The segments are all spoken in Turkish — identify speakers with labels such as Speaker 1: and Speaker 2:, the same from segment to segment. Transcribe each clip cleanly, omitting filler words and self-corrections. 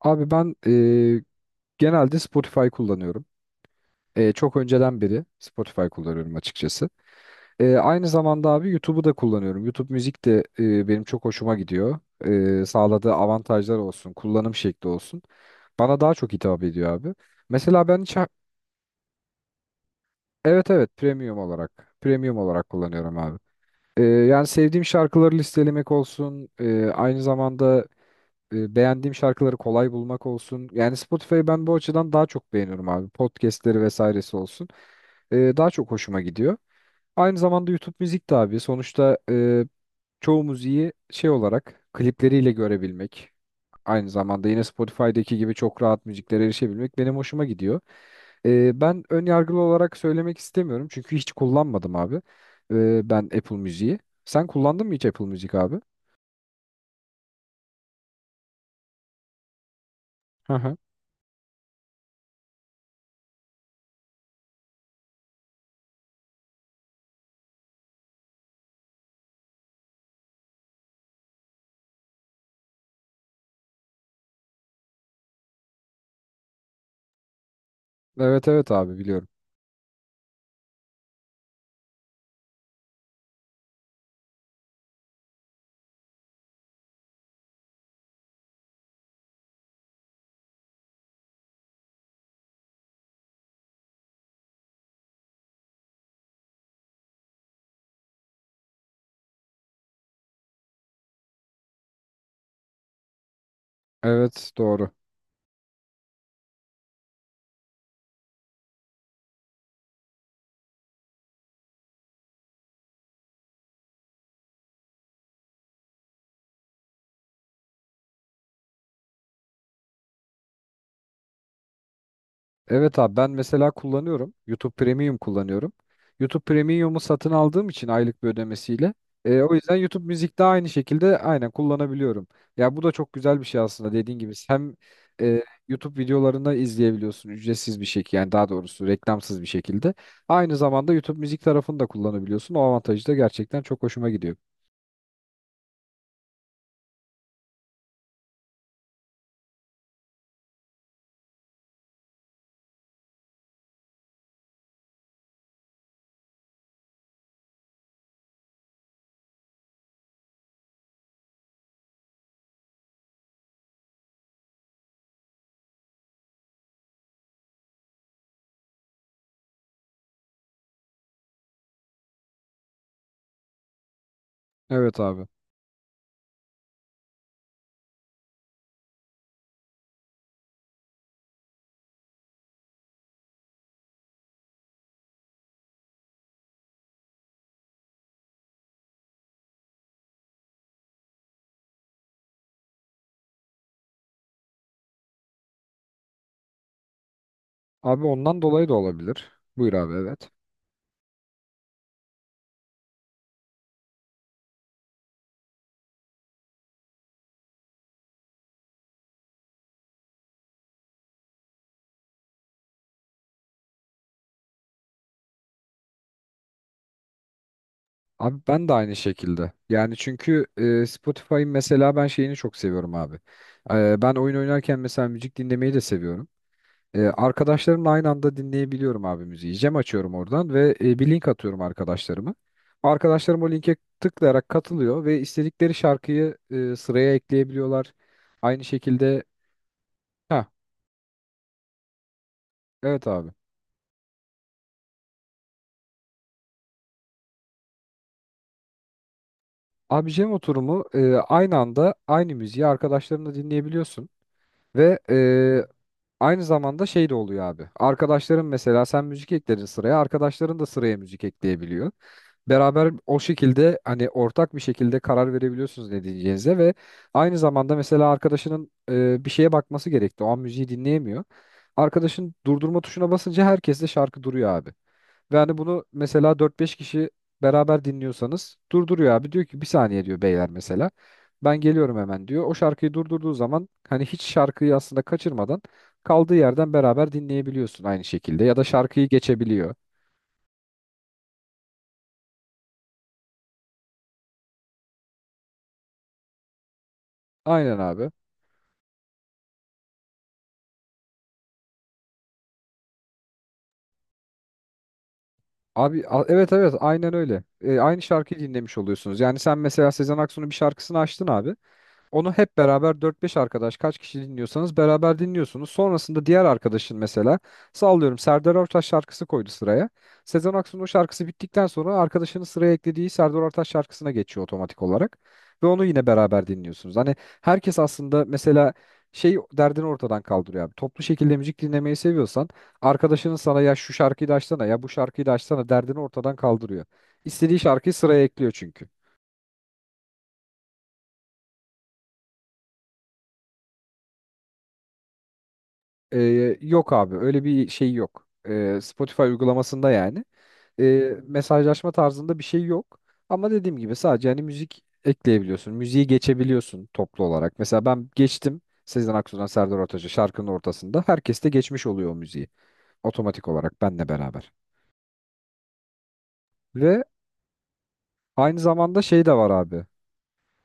Speaker 1: Abi ben genelde Spotify kullanıyorum. Çok önceden beri Spotify kullanıyorum açıkçası. Aynı zamanda abi YouTube'u da kullanıyorum. YouTube müzik de benim çok hoşuma gidiyor. Sağladığı avantajlar olsun, kullanım şekli olsun. Bana daha çok hitap ediyor abi. Mesela evet, premium olarak kullanıyorum abi. Yani sevdiğim şarkıları listelemek olsun, aynı zamanda beğendiğim şarkıları kolay bulmak olsun. Yani Spotify'ı ben bu açıdan daha çok beğeniyorum abi. Podcast'leri vesairesi olsun. Daha çok hoşuma gidiyor. Aynı zamanda YouTube müzik de abi. Sonuçta çoğu müziği şey olarak klipleriyle görebilmek. Aynı zamanda yine Spotify'daki gibi çok rahat müziklere erişebilmek benim hoşuma gidiyor. Ben ön yargılı olarak söylemek istemiyorum çünkü hiç kullanmadım abi. Ben Apple Müziği. Sen kullandın mı hiç Apple Müzik abi? Hı hı. Evet evet abi biliyorum. Evet doğru. Evet abi ben mesela kullanıyorum. YouTube Premium kullanıyorum. YouTube Premium'u satın aldığım için aylık bir ödemesiyle. O yüzden YouTube Müzik'te aynı şekilde aynen kullanabiliyorum. Ya bu da çok güzel bir şey aslında dediğin gibi. Hem e, YouTube videolarını izleyebiliyorsun ücretsiz bir şekilde, yani daha doğrusu reklamsız bir şekilde. Aynı zamanda YouTube Müzik tarafını da kullanabiliyorsun. O avantajı da gerçekten çok hoşuma gidiyor. Evet abi. Abi ondan dolayı da olabilir. Buyur abi, evet. Abi ben de aynı şekilde. Yani çünkü Spotify'ın mesela ben şeyini çok seviyorum abi. Ben oyun oynarken mesela müzik dinlemeyi de seviyorum. Arkadaşlarımla aynı anda dinleyebiliyorum abi müziği. Cem açıyorum oradan ve bir link atıyorum arkadaşlarıma. Arkadaşlarım o linke tıklayarak katılıyor ve istedikleri şarkıyı sıraya ekleyebiliyorlar. Aynı şekilde. Ha, evet abi. Abi Cem oturumu, aynı anda aynı müziği arkadaşlarınla dinleyebiliyorsun. Ve Aynı zamanda şey de oluyor abi. Arkadaşların, mesela sen müzik ekledin sıraya, arkadaşların da sıraya müzik ekleyebiliyor. Beraber o şekilde hani ortak bir şekilde karar verebiliyorsunuz ne diyeceğinize ve aynı zamanda mesela arkadaşının bir şeye bakması gerekti. O an müziği dinleyemiyor. Arkadaşın durdurma tuşuna basınca herkes de şarkı duruyor abi. Ve hani bunu mesela dört beş kişi beraber dinliyorsanız durduruyor abi. Diyor ki, bir saniye diyor beyler mesela. Ben geliyorum hemen diyor. O şarkıyı durdurduğu zaman hani hiç şarkıyı aslında kaçırmadan kaldığı yerden beraber dinleyebiliyorsun aynı şekilde. Ya da şarkıyı geçebiliyor. Aynen abi. Evet evet, aynen öyle. Aynı şarkıyı dinlemiş oluyorsunuz. Yani sen mesela Sezen Aksu'nun bir şarkısını açtın abi. Onu hep beraber dört beş arkadaş kaç kişi dinliyorsanız beraber dinliyorsunuz. Sonrasında diğer arkadaşın mesela sallıyorum Serdar Ortaç şarkısı koydu sıraya. Sezen Aksu'nun o şarkısı bittikten sonra arkadaşının sıraya eklediği Serdar Ortaç şarkısına geçiyor otomatik olarak. Ve onu yine beraber dinliyorsunuz. Hani herkes aslında mesela şey derdini ortadan kaldırıyor abi. Toplu şekilde müzik dinlemeyi seviyorsan arkadaşının sana ya şu şarkıyı da açsana ya bu şarkıyı da açsana derdini ortadan kaldırıyor. İstediği şarkıyı sıraya ekliyor çünkü. Ee, Yok abi öyle bir şey yok. Spotify uygulamasında yani. Mesajlaşma tarzında bir şey yok. Ama dediğim gibi sadece hani müzik ekleyebiliyorsun. Müziği geçebiliyorsun toplu olarak. Mesela ben geçtim Sezen Aksu'dan Serdar Ortaç'a şarkının ortasında. Herkes de geçmiş oluyor o müziği. Otomatik olarak benle beraber. Ve aynı zamanda şey de var abi.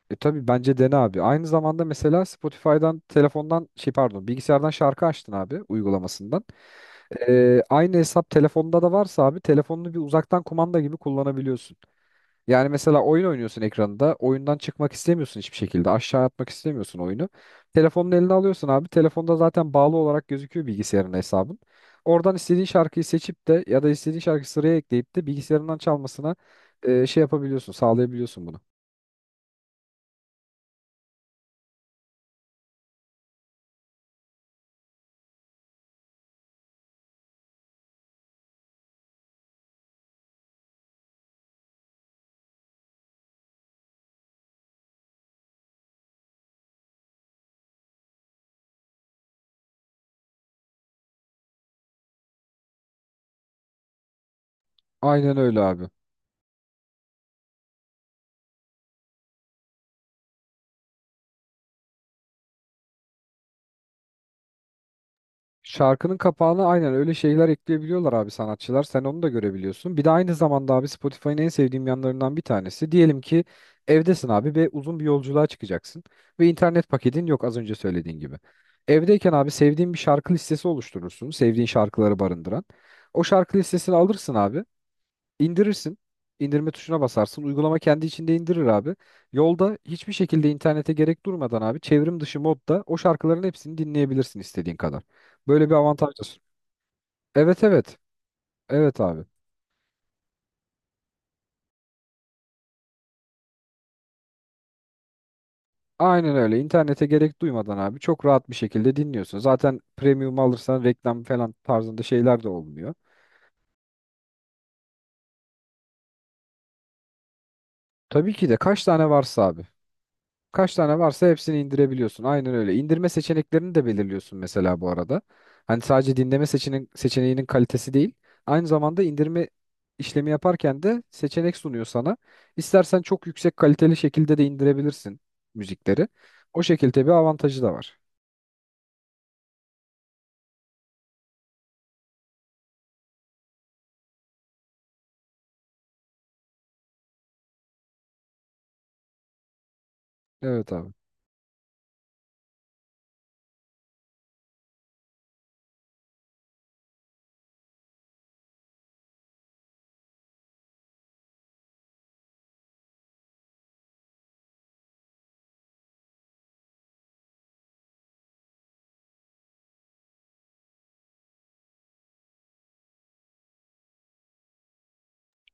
Speaker 1: E tabii bence dene abi. Aynı zamanda mesela Spotify'dan telefondan şey pardon bilgisayardan şarkı açtın abi uygulamasından. Aynı hesap telefonda da varsa abi telefonunu bir uzaktan kumanda gibi kullanabiliyorsun. Yani mesela oyun oynuyorsun ekranında. Oyundan çıkmak istemiyorsun hiçbir şekilde. Aşağı atmak istemiyorsun oyunu. Telefonun eline alıyorsun abi. Telefonda zaten bağlı olarak gözüküyor bilgisayarın hesabın. Oradan istediğin şarkıyı seçip de ya da istediğin şarkıyı sıraya ekleyip de bilgisayarından çalmasına şey yapabiliyorsun, sağlayabiliyorsun bunu. Aynen öyle abi. Şarkının kapağına aynen öyle şeyler ekleyebiliyorlar abi sanatçılar. Sen onu da görebiliyorsun. Bir de aynı zamanda abi Spotify'ın en sevdiğim yanlarından bir tanesi. Diyelim ki evdesin abi ve uzun bir yolculuğa çıkacaksın. Ve internet paketin yok az önce söylediğin gibi. Evdeyken abi sevdiğin bir şarkı listesi oluşturursun. Sevdiğin şarkıları barındıran. O şarkı listesini alırsın abi. İndirirsin. İndirme tuşuna basarsın. Uygulama kendi içinde indirir abi. Yolda hiçbir şekilde internete gerek durmadan abi çevrim dışı modda o şarkıların hepsini dinleyebilirsin istediğin kadar. Böyle bir avantaj da sun- Evet evet. Evet abi. Aynen öyle. İnternete gerek duymadan abi çok rahat bir şekilde dinliyorsun. Zaten premium alırsan reklam falan tarzında şeyler de olmuyor. Tabii ki de kaç tane varsa abi. Kaç tane varsa hepsini indirebiliyorsun. Aynen öyle. İndirme seçeneklerini de belirliyorsun mesela bu arada. Hani sadece dinleme seçeneğinin kalitesi değil. Aynı zamanda indirme işlemi yaparken de seçenek sunuyor sana. İstersen çok yüksek kaliteli şekilde de indirebilirsin müzikleri. O şekilde bir avantajı da var. Evet abi.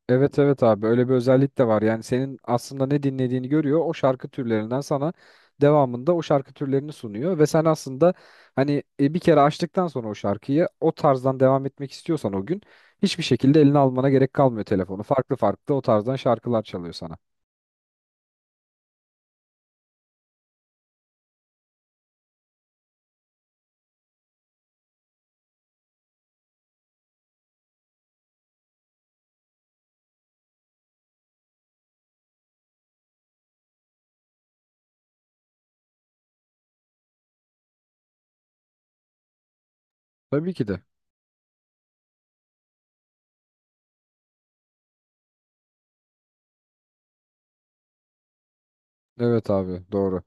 Speaker 1: Evet evet abi öyle bir özellik de var. Yani senin aslında ne dinlediğini görüyor. O şarkı türlerinden sana devamında o şarkı türlerini sunuyor ve sen aslında hani bir kere açtıktan sonra o şarkıyı o tarzdan devam etmek istiyorsan o gün hiçbir şekilde eline almana gerek kalmıyor telefonu. Farklı farklı o tarzdan şarkılar çalıyor sana. Tabii ki de. Evet abi doğru.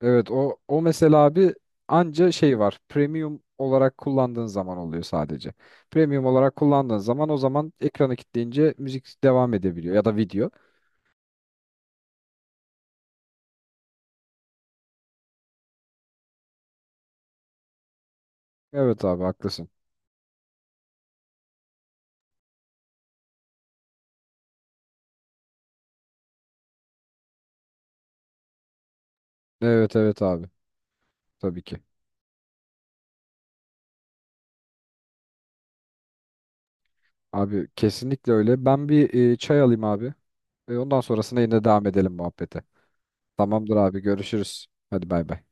Speaker 1: Evet o mesela abi anca şey var. Premium olarak kullandığın zaman oluyor sadece. Premium olarak kullandığın zaman o zaman ekranı kilitleyince müzik devam edebiliyor ya da video. Evet abi haklısın. Evet evet abi. Tabii ki. Abi kesinlikle öyle. Ben bir çay alayım abi. Ondan sonrasında yine devam edelim muhabbete. Tamamdır abi görüşürüz. Hadi bay bay.